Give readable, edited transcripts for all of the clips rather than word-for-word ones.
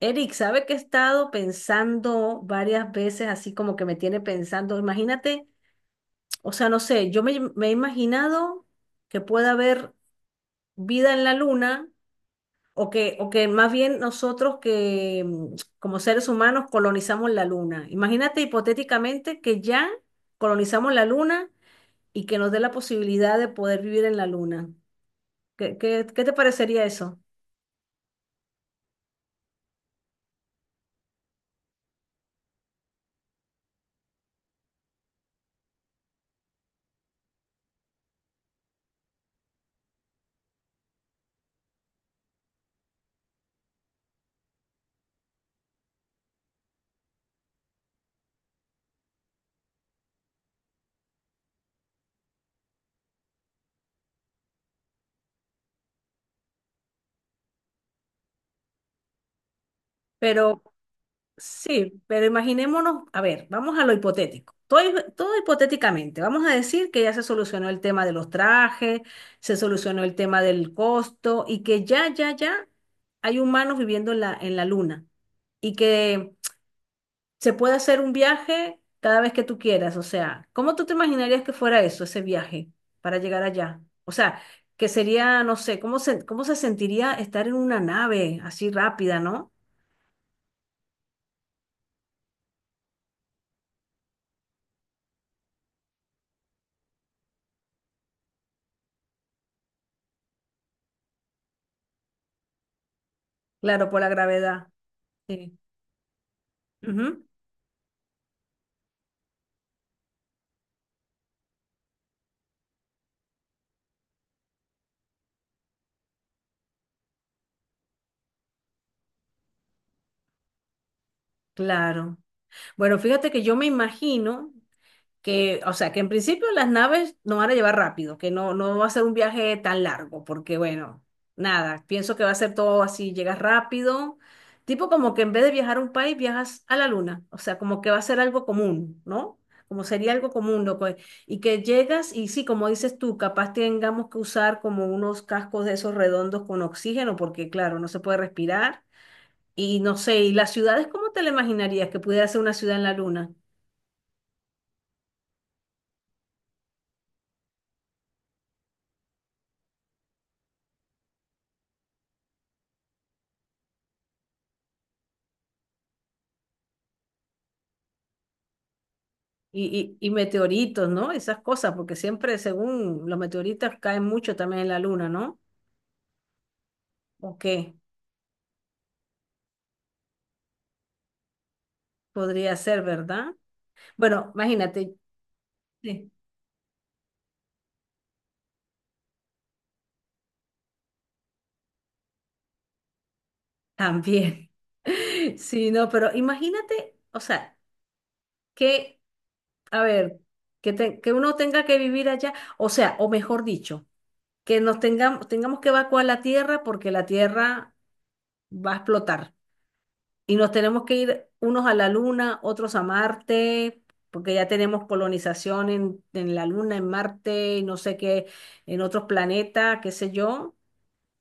Eric, ¿sabe que he estado pensando varias veces, así como que me tiene pensando? Imagínate, o sea, no sé, yo me he imaginado que pueda haber vida en la luna o que más bien nosotros que como seres humanos colonizamos la luna. Imagínate hipotéticamente que ya colonizamos la luna y que nos dé la posibilidad de poder vivir en la luna. ¿Qué te parecería eso? Pero... Sí, pero imaginémonos, a ver, vamos a lo hipotético. Todo, todo hipotéticamente. Vamos a decir que ya se solucionó el tema de los trajes, se solucionó el tema del costo y que ya hay humanos viviendo en la luna y que se puede hacer un viaje cada vez que tú quieras. O sea, ¿cómo tú te imaginarías que fuera eso, ese viaje para llegar allá? O sea, que sería, no sé, ¿cómo se sentiría estar en una nave así rápida, ¿no? Claro, por la gravedad. Sí. Claro. Bueno, fíjate que yo me imagino que, o sea, que en principio las naves nos van a llevar rápido, que no va a ser un viaje tan largo, porque bueno, nada, pienso que va a ser todo así, llegas rápido, tipo como que en vez de viajar a un país, viajas a la luna, o sea, como que va a ser algo común, ¿no? Como sería algo común, loco. Y que llegas y sí, como dices tú, capaz tengamos que usar como unos cascos de esos redondos con oxígeno, porque claro, no se puede respirar. Y no sé, ¿y las ciudades cómo te la imaginarías que pudiera ser una ciudad en la luna? Y meteoritos, ¿no? Esas cosas, porque siempre, según los meteoritos, caen mucho también en la luna, ¿no? ¿O qué? Podría ser, ¿verdad? Bueno, imagínate, sí, también. Sí, no, pero imagínate, o sea, que, a ver, que, que uno tenga que vivir allá, o sea, o mejor dicho, que nos tengamos que evacuar la Tierra porque la Tierra va a explotar. Y nos tenemos que ir unos a la Luna, otros a Marte, porque ya tenemos colonización en la Luna, en Marte, y no sé qué, en otros planetas, qué sé yo.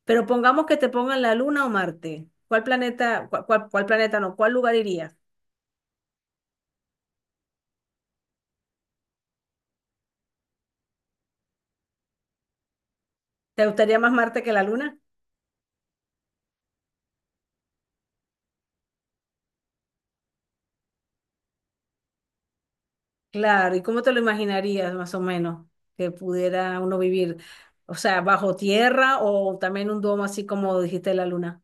Pero pongamos que te pongan la Luna o Marte. ¿Cuál planeta, cuál planeta no? ¿Cuál lugar irías? ¿Te gustaría más Marte que la Luna? Claro, ¿y cómo te lo imaginarías más o menos que pudiera uno vivir? O sea, bajo tierra o también un domo así como dijiste la Luna.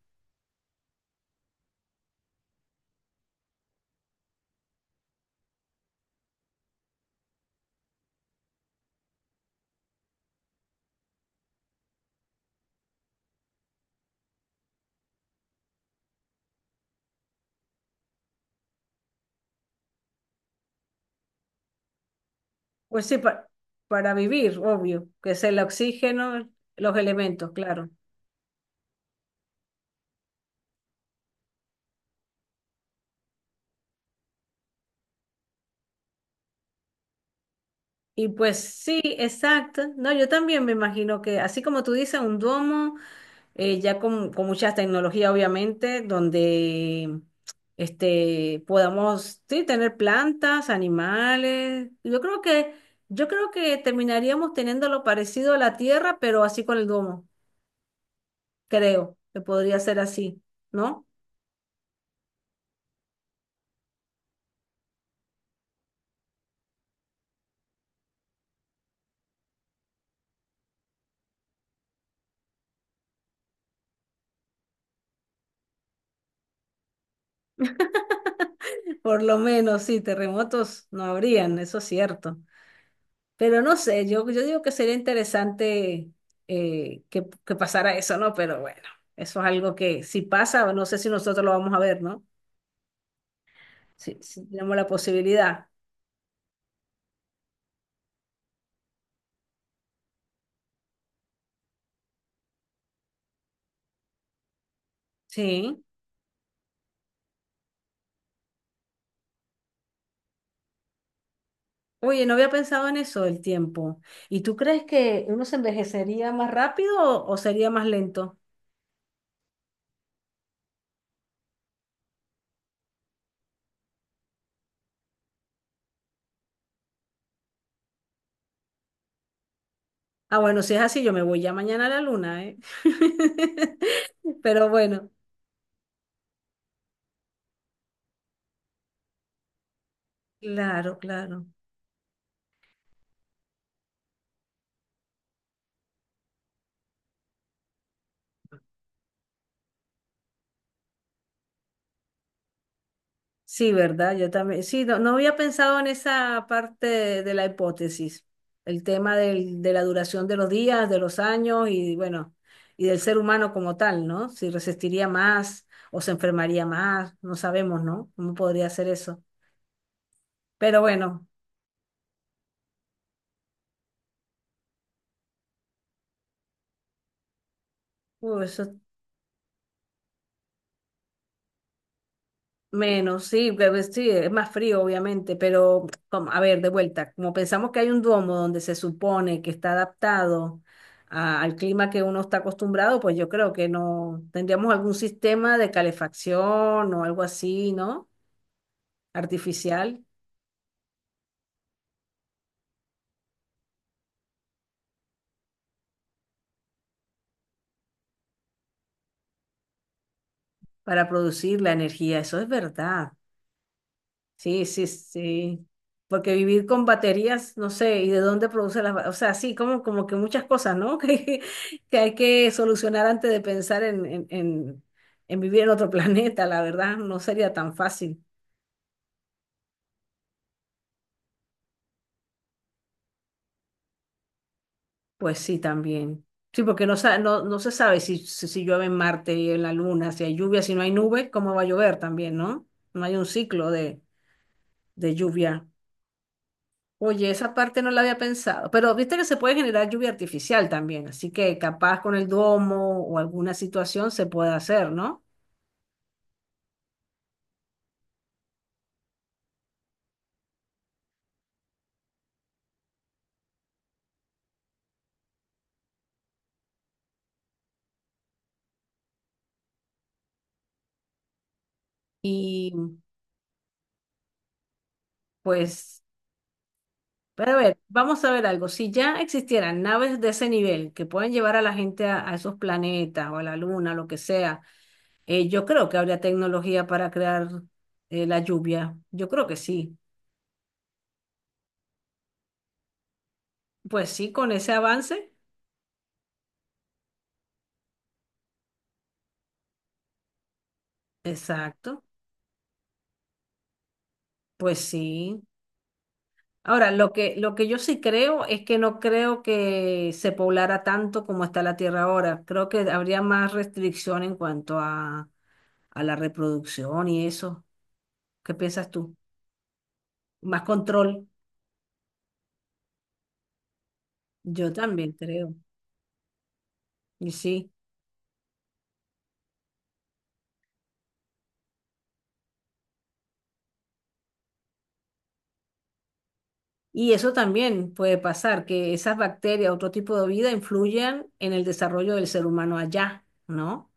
Pues sí, para vivir, obvio, que es el oxígeno, los elementos, claro. Y pues sí, exacto. No, yo también me imagino que, así como tú dices, un domo, ya con mucha tecnología, obviamente, donde este, podamos sí, tener plantas, animales. Yo creo que terminaríamos teniendo lo parecido a la Tierra, pero así con el domo, creo que podría ser así, ¿no? Por lo menos, sí, terremotos no habrían, eso es cierto. Pero no sé, yo digo que sería interesante que pasara eso, ¿no? Pero bueno, eso es algo que si pasa, no sé si nosotros lo vamos a ver, ¿no? Si, si tenemos la posibilidad. Sí. Oye, no había pensado en eso del tiempo. ¿Y tú crees que uno se envejecería más rápido o sería más lento? Ah, bueno, si es así, yo me voy ya mañana a la luna, ¿eh? Pero bueno, claro, claro. Sí, ¿verdad? Yo también. Sí, no, no había pensado en esa parte de la hipótesis, el tema de la duración de los días, de los años y bueno, y del ser humano como tal, ¿no? Si resistiría más o se enfermaría más, no sabemos, ¿no? ¿Cómo podría ser eso? Pero bueno, eso menos, sí, sí, es más frío, obviamente, pero como, a ver, de vuelta, como pensamos que hay un duomo donde se supone que está adaptado al clima que uno está acostumbrado, pues yo creo que no tendríamos algún sistema de calefacción o algo así, ¿no? Artificial para producir la energía, eso es verdad. Sí, sí, sí. Porque vivir con baterías, no sé, y de dónde produce las, o sea, sí, como, como que muchas cosas, ¿no? Que hay que solucionar antes de pensar en vivir en otro planeta, la verdad, no sería tan fácil. Pues sí, también. Sí, porque no, no, no se sabe si, si llueve en Marte y en la Luna, si hay lluvia, si no hay nubes, cómo va a llover también, ¿no? No hay un ciclo de lluvia. Oye, esa parte no la había pensado, pero viste que se puede generar lluvia artificial también, así que capaz con el domo o alguna situación se puede hacer, ¿no? Y pues, pero a ver, vamos a ver algo. Si ya existieran naves de ese nivel que pueden llevar a la gente a esos planetas o a la luna, lo que sea, yo creo que habría tecnología para crear la lluvia. Yo creo que sí. Pues sí, con ese avance. Exacto. Pues sí. Ahora, lo que yo sí creo es que no creo que se poblara tanto como está la Tierra ahora. Creo que habría más restricción en cuanto a la reproducción y eso. ¿Qué piensas tú? Más control. Yo también creo. Y sí. Y eso también puede pasar, que esas bacterias, otro tipo de vida, influyan en el desarrollo del ser humano allá, ¿no?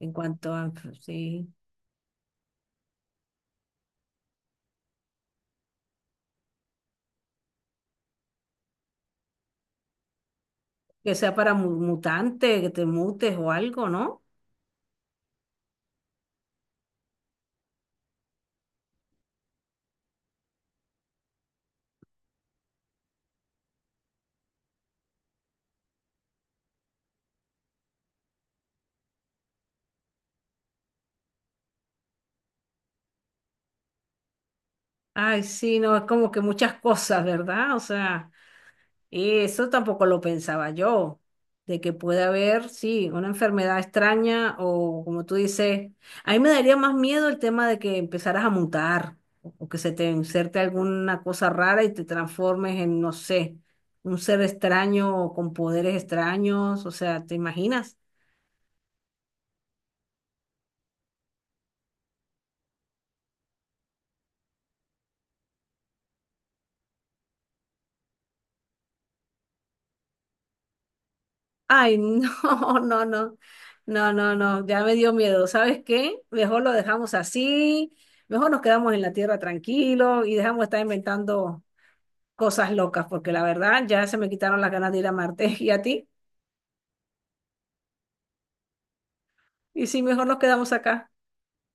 En cuanto a, sí, que sea para mutante, que te mutes o algo, ¿no? Ay, sí, no, es como que muchas cosas, ¿verdad? O sea, eso tampoco lo pensaba yo, de que puede haber, sí, una enfermedad extraña o como tú dices, a mí me daría más miedo el tema de que empezaras a mutar o que se te inserte alguna cosa rara y te transformes en, no sé, un ser extraño o con poderes extraños, o sea, ¿te imaginas? Ay, no, no, no, no, ya me dio miedo. ¿Sabes qué? Mejor lo dejamos así, mejor nos quedamos en la tierra tranquilo y dejamos de estar inventando cosas locas, porque la verdad ya se me quitaron las ganas de ir a Marte. ¿Y a ti? Y sí, mejor nos quedamos acá.